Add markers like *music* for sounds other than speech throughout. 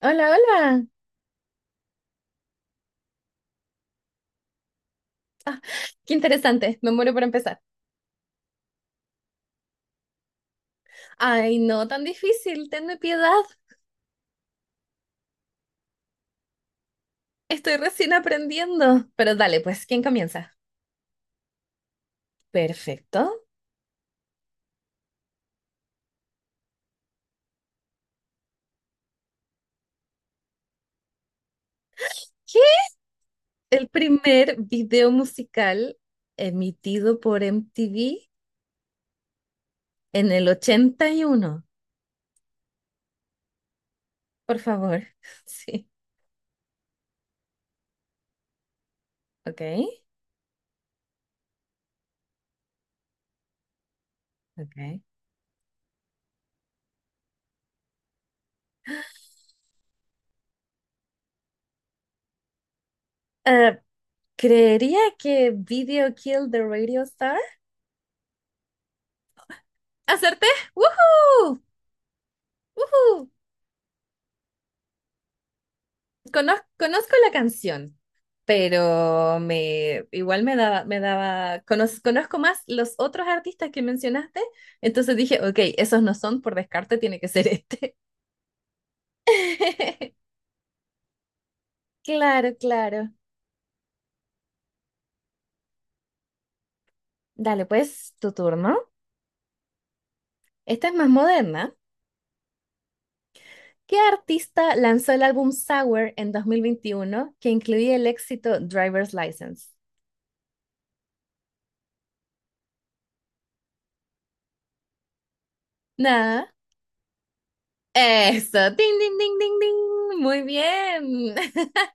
Hola, hola. Ah, qué interesante. Me muero por empezar. Ay, no tan difícil. Tenme piedad. Estoy recién aprendiendo. Pero dale, pues, ¿quién comienza? Perfecto. ¿Qué? El primer video musical emitido por MTV en el 81. Por favor. *laughs* Sí. Ok. Ok. Eh, Creería que Video Killed the Radio Star. ¿Acerté? ¡Woohoo! ¡Woohoo! Conozco la canción. Pero me igual conozco más los otros artistas que mencionaste. Entonces dije, ok, esos no son, por descarte tiene que ser este. *laughs* Claro, claro. Dale, pues, tu turno. Esta es más moderna. ¿Qué artista lanzó el álbum Sour en 2021 que incluía el éxito Driver's License? Nada. Eso. Ding, ding, ding, ding, ding. Muy bien. *laughs*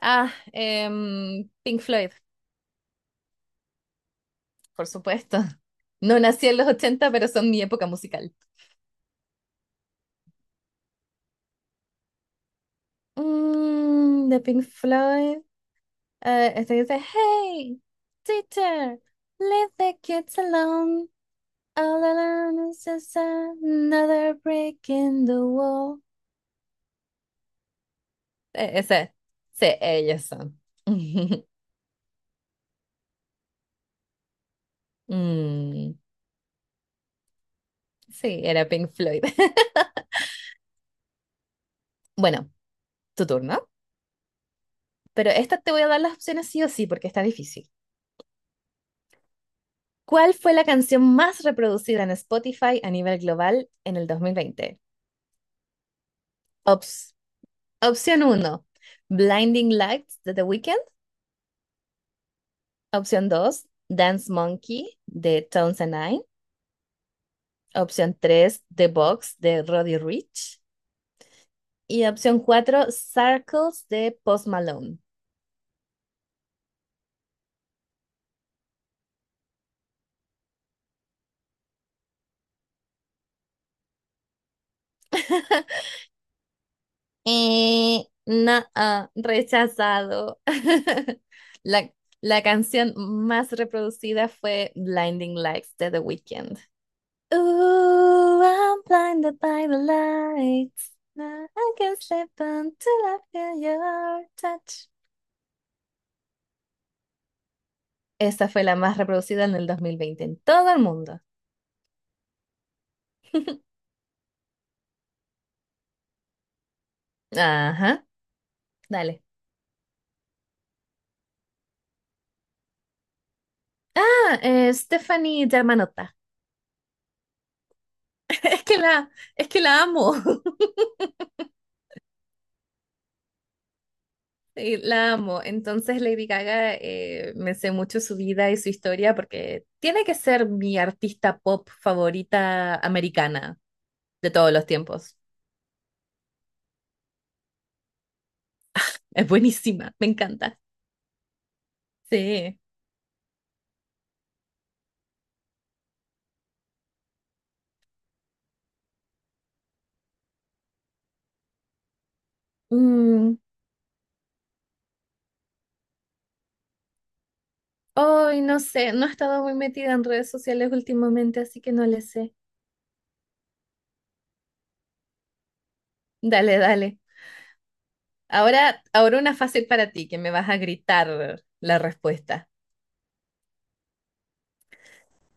Ah, Pink Floyd. Por supuesto. No nací en los 80 pero son mi época musical. De Pink Floyd. Este que dice: "Hey, teacher, leave the kids alone. All alone is just another break in the wall." Ese, sí, ellos son. *laughs* Mm, sí, era Pink Floyd. *laughs* Bueno, tu turno. Pero esta te voy a dar las opciones sí o sí, porque está difícil. ¿Cuál fue la canción más reproducida en Spotify a nivel global en el 2020? Ops- Opción uno, Blinding Lights de The Weeknd. Opción 2, Dance Monkey de Tones and I. Opción 3, The Box de Roddy Ricch. Y opción cuatro, Circles de Post Malone. *laughs* No, ah, rechazado. *laughs* La, la canción más reproducida fue Blinding Lights de The Weeknd. Ooh, I'm blinded by the lights. Now I can step until I feel your touch. Esa fue la más reproducida en el 2020 en todo el mundo. Ajá, dale. Ah, Stephanie Germanotta. *laughs* Es que la, es que la amo. *laughs* Sí, la amo. Entonces Lady Gaga, me sé mucho su vida y su historia porque tiene que ser mi artista pop favorita americana de todos los tiempos. Es buenísima, me encanta. Sí. Mm, ay, no sé, no he estado muy metida en redes sociales últimamente, así que no le sé. Dale, dale. Ahora, ahora una fácil para ti, que me vas a gritar la respuesta.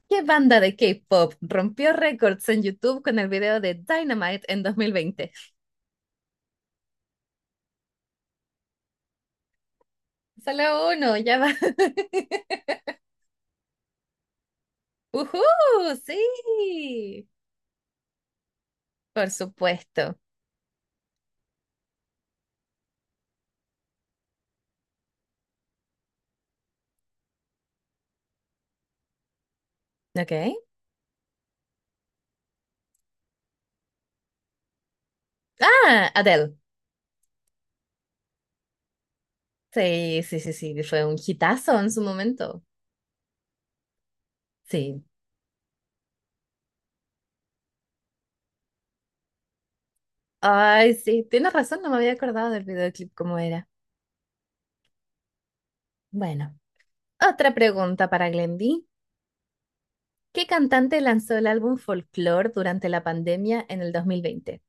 ¿Qué banda de K-pop rompió récords en YouTube con el video de Dynamite en 2020? Solo uno, ya va. *laughs* ¡Uhú! Sí, por supuesto. Ok. Ah, Adele. Sí, sí, sí, sí, fue un hitazo en su momento. Sí, ay, sí, tienes razón, no me había acordado del videoclip como era. Bueno, otra pregunta para Glendy. ¿Qué cantante lanzó el álbum Folklore durante la pandemia en el 2020?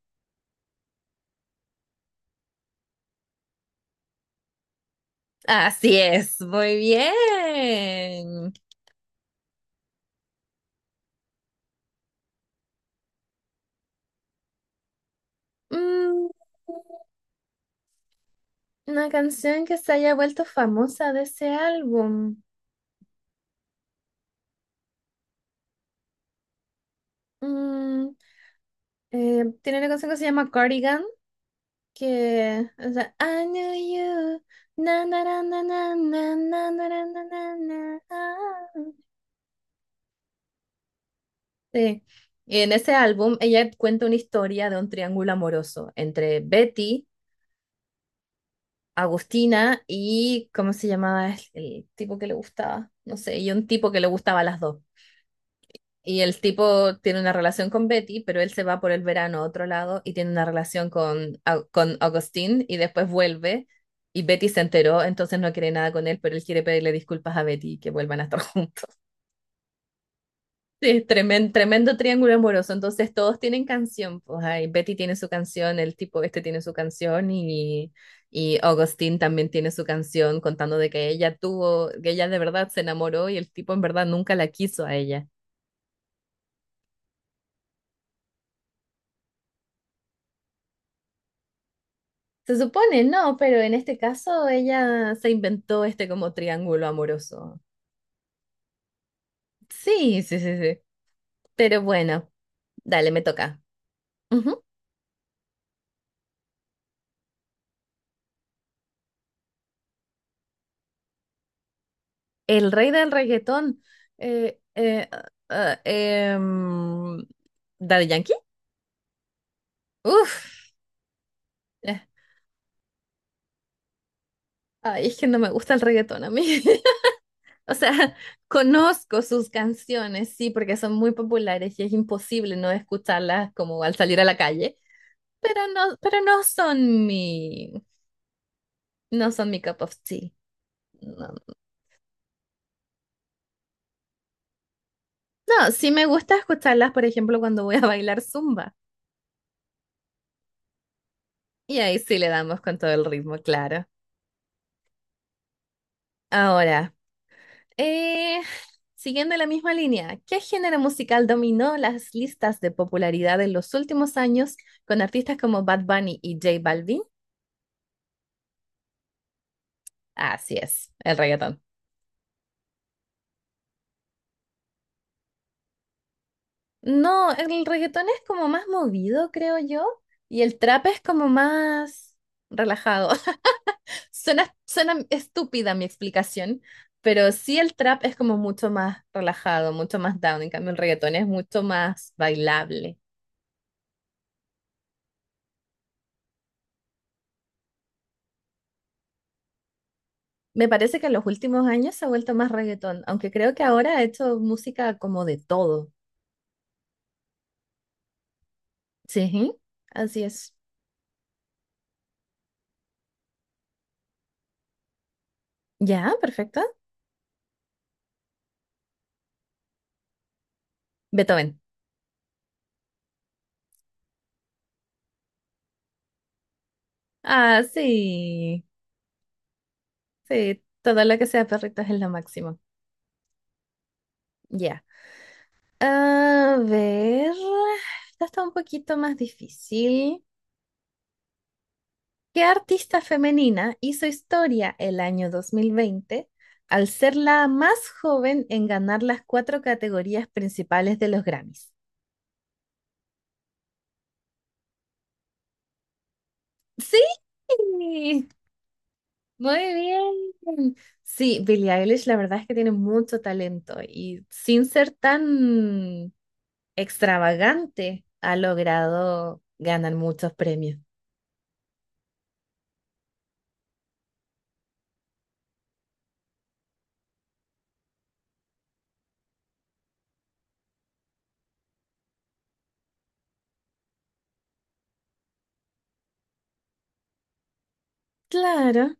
Así es, muy bien. Mm, una canción que se haya vuelto famosa de ese álbum. Mm, Tiene una canción que se llama Cardigan, que o sea, I knew you. Na, na, na, na, na, na, na, na, na, na, na, na. Ah, sí. En ese álbum ella cuenta una historia de un triángulo amoroso entre Betty, Agustina y, ¿cómo se llamaba el tipo que le gustaba? No sé, y un tipo que le gustaba a las dos. Y el tipo tiene una relación con Betty, pero él se va por el verano a otro lado y tiene una relación con Agustín y después vuelve y Betty se enteró, entonces no quiere nada con él, pero él quiere pedirle disculpas a Betty y que vuelvan a estar *laughs* juntos. Sí, es tremendo triángulo amoroso. Entonces todos tienen canción. Pues ahí Betty tiene su canción, el tipo este tiene su canción y Augustine también tiene su canción contando de que ella de verdad se enamoró y el tipo en verdad nunca la quiso a ella. Se supone, no, pero en este caso ella se inventó este como triángulo amoroso. Sí, sí, sí, sí. Pero bueno, dale, me toca. Ujú. El rey del reggaetón. Eh, eh, ah, ah, em, Daddy Yankee. Uf. eh, Ay, es que no me gusta el reggaetón a mí. *laughs* O sea, conozco sus canciones, sí, porque son muy populares y es imposible no escucharlas como al salir a la calle, pero no son mi, cup of tea. No, no, sí me gusta escucharlas, por ejemplo, cuando voy a bailar zumba. Y ahí sí le damos con todo el ritmo, claro. Ahora. Eh, Siguiendo la misma línea, ¿qué género musical dominó las listas de popularidad en los últimos años con artistas como Bad Bunny y J Balvin? Así es, el reggaetón. No, el reggaetón es como más movido, creo yo, y el trap es como más relajado. *laughs* Suena estúpida mi explicación, pero sí el trap es como mucho más relajado, mucho más down. En cambio, el reggaetón es mucho más bailable. Me parece que en los últimos años se ha vuelto más reggaetón, aunque creo que ahora ha hecho música como de todo. Sí, así es. Ya, perfecto. Beethoven. Ah, sí. Sí, todo lo que sea perritos es lo máximo. Ya. A ver. Esta está un poquito más difícil. ¿Qué artista femenina hizo historia el año 2020 al ser la más joven en ganar las cuatro categorías principales de los Grammys? Sí. Muy bien. Sí, Billie Eilish la verdad es que tiene mucho talento y sin ser tan extravagante ha logrado ganar muchos premios. Claro.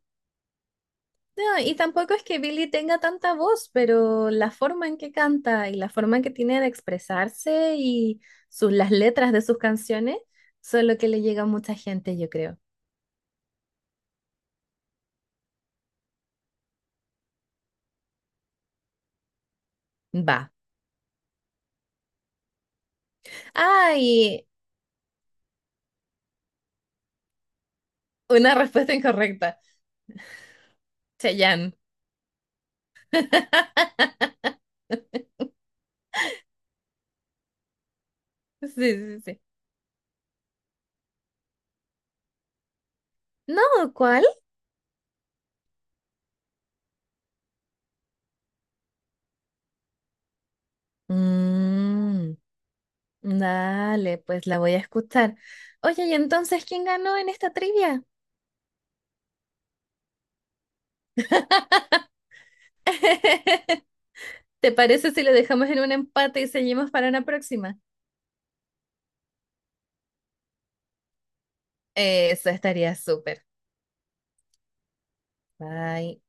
No, y tampoco es que Billie tenga tanta voz, pero la forma en que canta y la forma en que tiene de expresarse y las letras de sus canciones son lo que le llega a mucha gente, yo creo. Va. Ay, una *laughs* respuesta incorrecta. Chayanne. *laughs* Sí, sí, sí. No, ¿cuál? Mm, dale, pues la voy a escuchar. Oye, ¿y entonces quién ganó en esta trivia? *laughs* ¿Te parece si lo dejamos en un empate y seguimos para una próxima? Eso estaría súper. Bye.